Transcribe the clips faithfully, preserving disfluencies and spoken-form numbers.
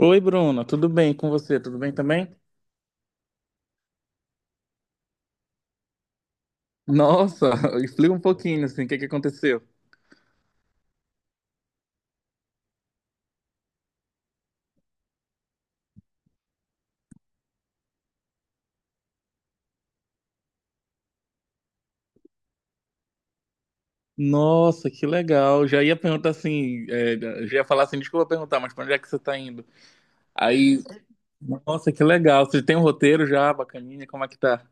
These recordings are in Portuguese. Oi, Bruna, tudo bem com você? Tudo bem também? Nossa, explica um pouquinho assim, o que que aconteceu? Nossa, que legal. Já ia perguntar assim, é, já ia falar assim, desculpa perguntar, mas pra onde é que você tá indo? Aí, nossa, que legal. Você tem um roteiro já, bacaninha, como é que tá?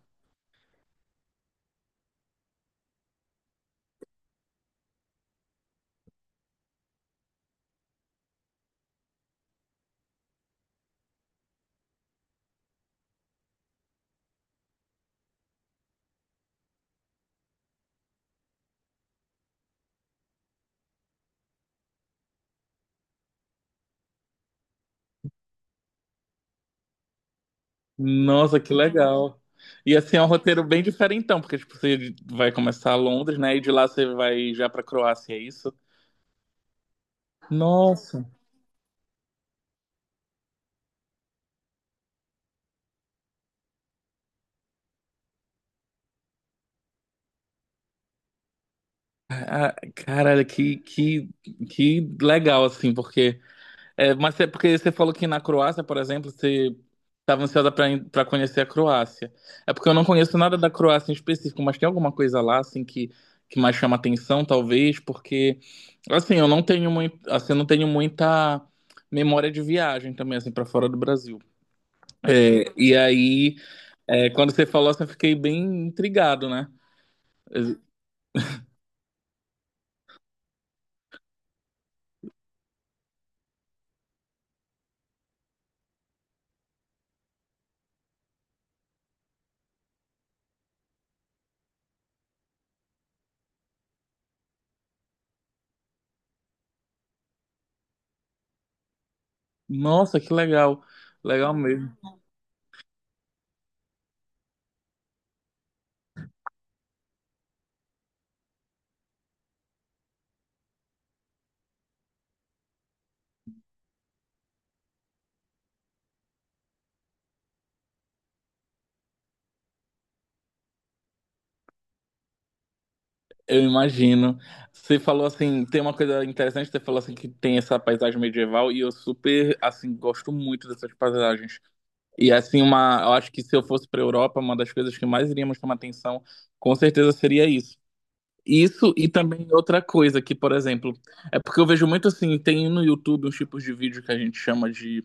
Nossa, que legal. E assim, é um roteiro bem diferentão, porque tipo, você vai começar a Londres, né? E de lá você vai já pra Croácia, é isso? Nossa, ah, caralho, que, que, que legal, assim, porque. É, mas é porque você falou que na Croácia, por exemplo, você estava ansiosa para conhecer a Croácia. É porque eu não conheço nada da Croácia em específico, mas tem alguma coisa lá assim que, que mais chama atenção, talvez, porque assim, eu não tenho muito, assim, eu não tenho muita memória de viagem também assim para fora do Brasil. É, e aí, é, quando você falou assim, eu fiquei bem intrigado, né? Eu- Nossa, que legal. Legal mesmo. Eu imagino. Você falou assim, tem uma coisa interessante, você falou assim que tem essa paisagem medieval e eu super assim gosto muito dessas paisagens. E assim uma, eu acho que se eu fosse para Europa, uma das coisas que mais iríamos tomar atenção, com certeza seria isso. Isso e também outra coisa que, por exemplo, é porque eu vejo muito assim, tem no YouTube uns tipos de vídeo que a gente chama de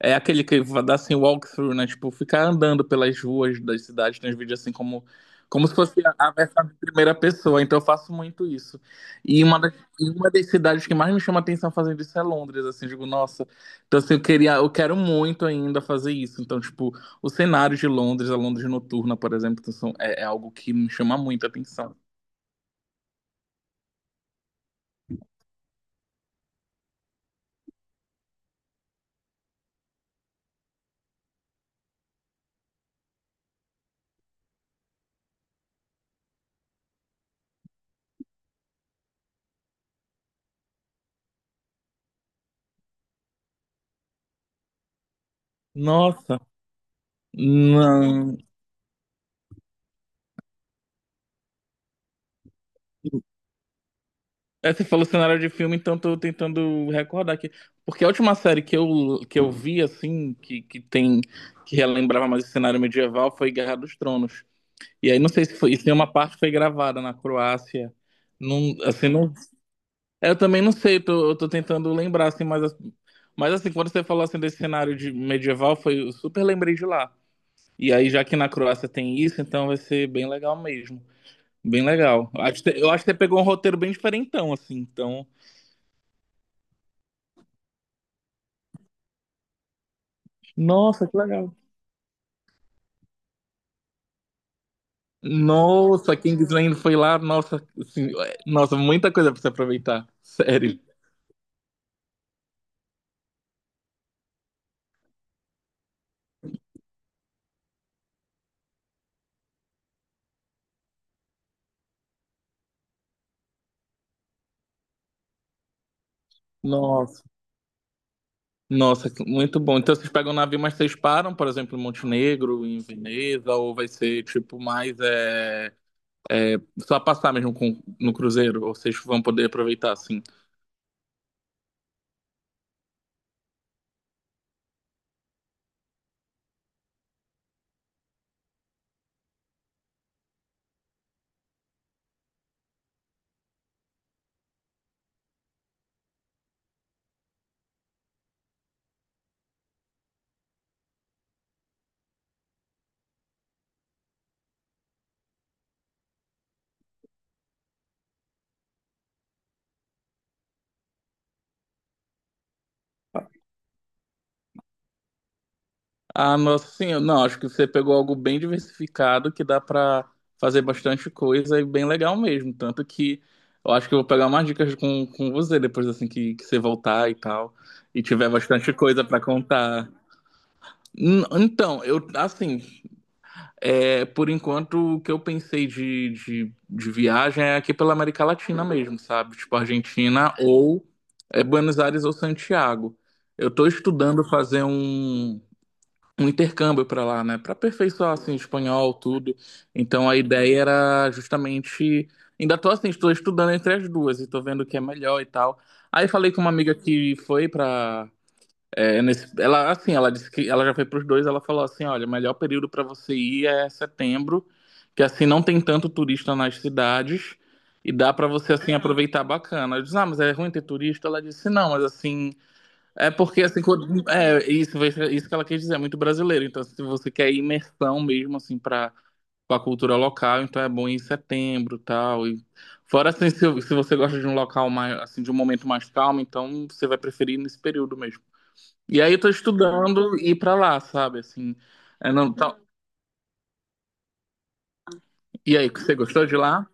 é aquele que vai dar assim walkthrough, né? Tipo, ficar andando pelas ruas das cidades, tem uns vídeos assim como como se fosse a a versão de primeira pessoa. Então eu faço muito isso. E uma das, e uma das cidades que mais me chama atenção fazendo isso é Londres, assim, eu digo, nossa. Então assim, eu queria, eu quero muito ainda fazer isso. Então, tipo, o cenário de Londres, a Londres noturna, por exemplo, então, são- é, é algo que me chama muito a atenção. Nossa, não. É, você falou cenário de filme, então tô tentando recordar aqui. Porque a última série que eu, que eu vi, assim, que, que tem, que relembrava mais o cenário medieval foi Guerra dos Tronos. E aí não sei se foi, se uma parte foi gravada na Croácia. Não, assim, não, é, eu também não sei, tô, eu tô tentando lembrar, assim, mas, as- mas assim, quando você falou assim desse cenário de medieval, foi, eu super lembrei de lá. E aí, já que na Croácia tem isso, então vai ser bem legal mesmo. Bem legal. Acho que- Eu acho que você pegou um roteiro bem diferentão, assim, então. Nossa, que legal. Nossa, Kingsland foi lá, nossa, assim, é, nossa, muita coisa pra se aproveitar. Sério. Nossa. Nossa, que- muito bom. Então vocês pegam o navio, mas vocês param, por exemplo, em Montenegro, em Veneza, ou vai ser tipo mais é, só passar mesmo com- no cruzeiro, ou vocês vão poder aproveitar assim. Ah, nossa senhora, não, acho que você pegou algo bem diversificado que dá pra fazer bastante coisa e bem legal mesmo. Tanto que eu acho que eu vou pegar umas dicas com, com você depois assim que, que você voltar e tal, e tiver bastante coisa pra contar. N- Então, eu, assim, é, por enquanto o que eu pensei de, de, de viagem é aqui pela América Latina mesmo, sabe? Tipo Argentina ou é, Buenos Aires ou Santiago. Eu tô estudando fazer um um intercâmbio para lá, né, para aperfeiçoar assim espanhol, tudo. Então a ideia era justamente ainda tô assim, estou estudando entre as duas e tô vendo o que é melhor e tal. Aí falei com uma amiga que foi para ela assim, ela disse que ela já foi para os dois, ela falou assim, olha, o melhor período para você ir é setembro, que assim não tem tanto turista nas cidades e dá para você assim aproveitar bacana. Eu disse, ah, mas é ruim ter turista? Ela disse, não, mas assim é porque assim, quando- é isso, vai ser- isso que ela quis dizer, é muito brasileiro. Então, se você quer imersão mesmo assim para a cultura local, então é bom ir em setembro, tal. E fora assim, se, se você gosta de um local mais assim, de um momento mais calmo, então você vai preferir nesse período mesmo. E aí eu tô estudando ir para lá, sabe, assim. É, não, tá. E aí, você gostou de lá?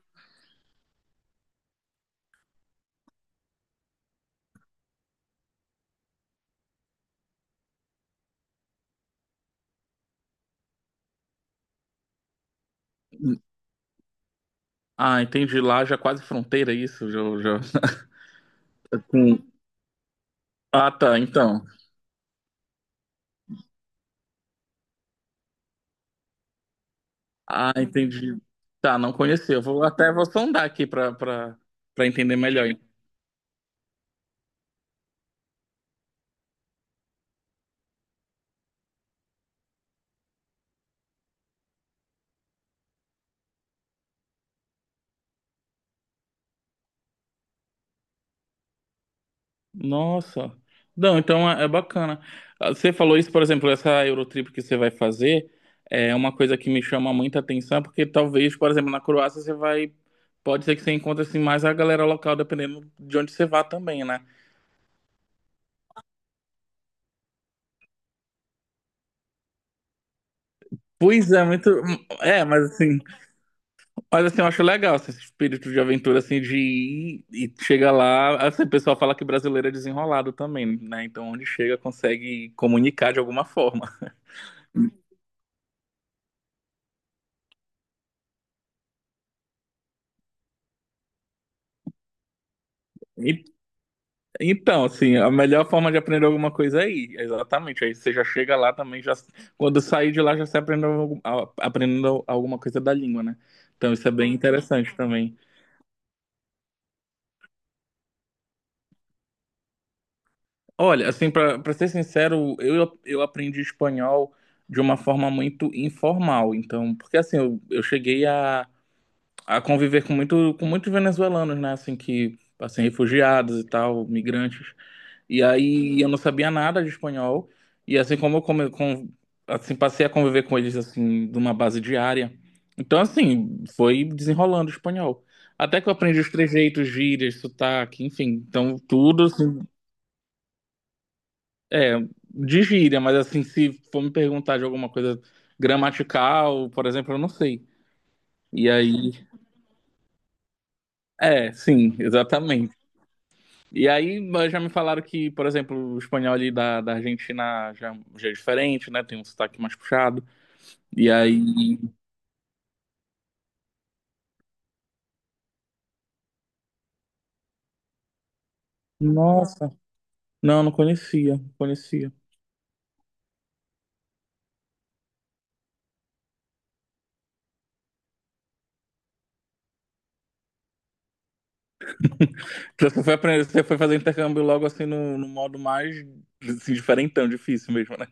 Ah, entendi. Lá já é quase fronteira é isso, já, já. com- Ah, tá, então. Ah, entendi. Tá, não conheceu. Vou até vou sondar aqui pra para para entender melhor. Nossa. Não, então é, é bacana. Ah, você falou isso, por exemplo, essa Eurotrip que você vai fazer é uma coisa que me chama muita atenção, porque talvez, por exemplo, na Croácia você vai pode ser que você encontre assim mais a galera local dependendo de onde você vá também, né? Pois é, muito é, mas assim Mas assim, eu acho legal assim, esse espírito de aventura assim de ir e chega lá, assim, o pessoal fala que brasileiro é desenrolado também, né? Então onde chega consegue comunicar de alguma forma. E- então, assim, a melhor forma de aprender alguma coisa é ir, exatamente. Aí você já chega lá também, já quando sair de lá já se aprendeu algum- a- aprendendo alguma coisa da língua, né? Então isso é bem interessante também. Olha, assim, pra para ser sincero, eu eu aprendi espanhol de uma forma muito informal. Então, porque assim, eu, eu cheguei a a conviver com muito, com muitos venezuelanos, né? Assim que assim, refugiados e tal, migrantes. E aí eu, uhum, não sabia nada de espanhol. E assim como eu come, com, assim, passei a conviver com eles assim, numa base diária. Então, assim, foi desenrolando o espanhol. Até que eu aprendi os trejeitos, gírias, sotaque, enfim. Então, tudo assim, é, de gíria, mas assim, se for me perguntar de alguma coisa gramatical, por exemplo, eu não sei. E aí, é, sim, exatamente. E aí mas já me falaram que, por exemplo, o espanhol ali da, da Argentina já, já é diferente, né? Tem um sotaque mais puxado. E aí. Nossa. Não, não conhecia, não conhecia. Então, você foi aprender, você foi fazer intercâmbio logo assim no, no modo mais assim, diferentão, difícil mesmo, né?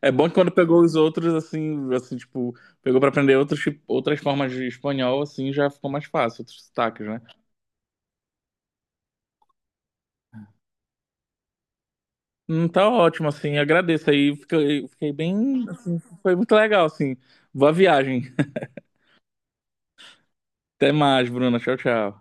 É bom que quando pegou os outros, assim, assim, tipo, pegou pra aprender outros, tip- outras formas de espanhol, assim, já ficou mais fácil, outros sotaques, né? Hum, tá ótimo, assim, agradeço aí, fiquei, fiquei bem, assim, foi muito legal, assim, boa viagem, até mais, Bruna, tchau, tchau.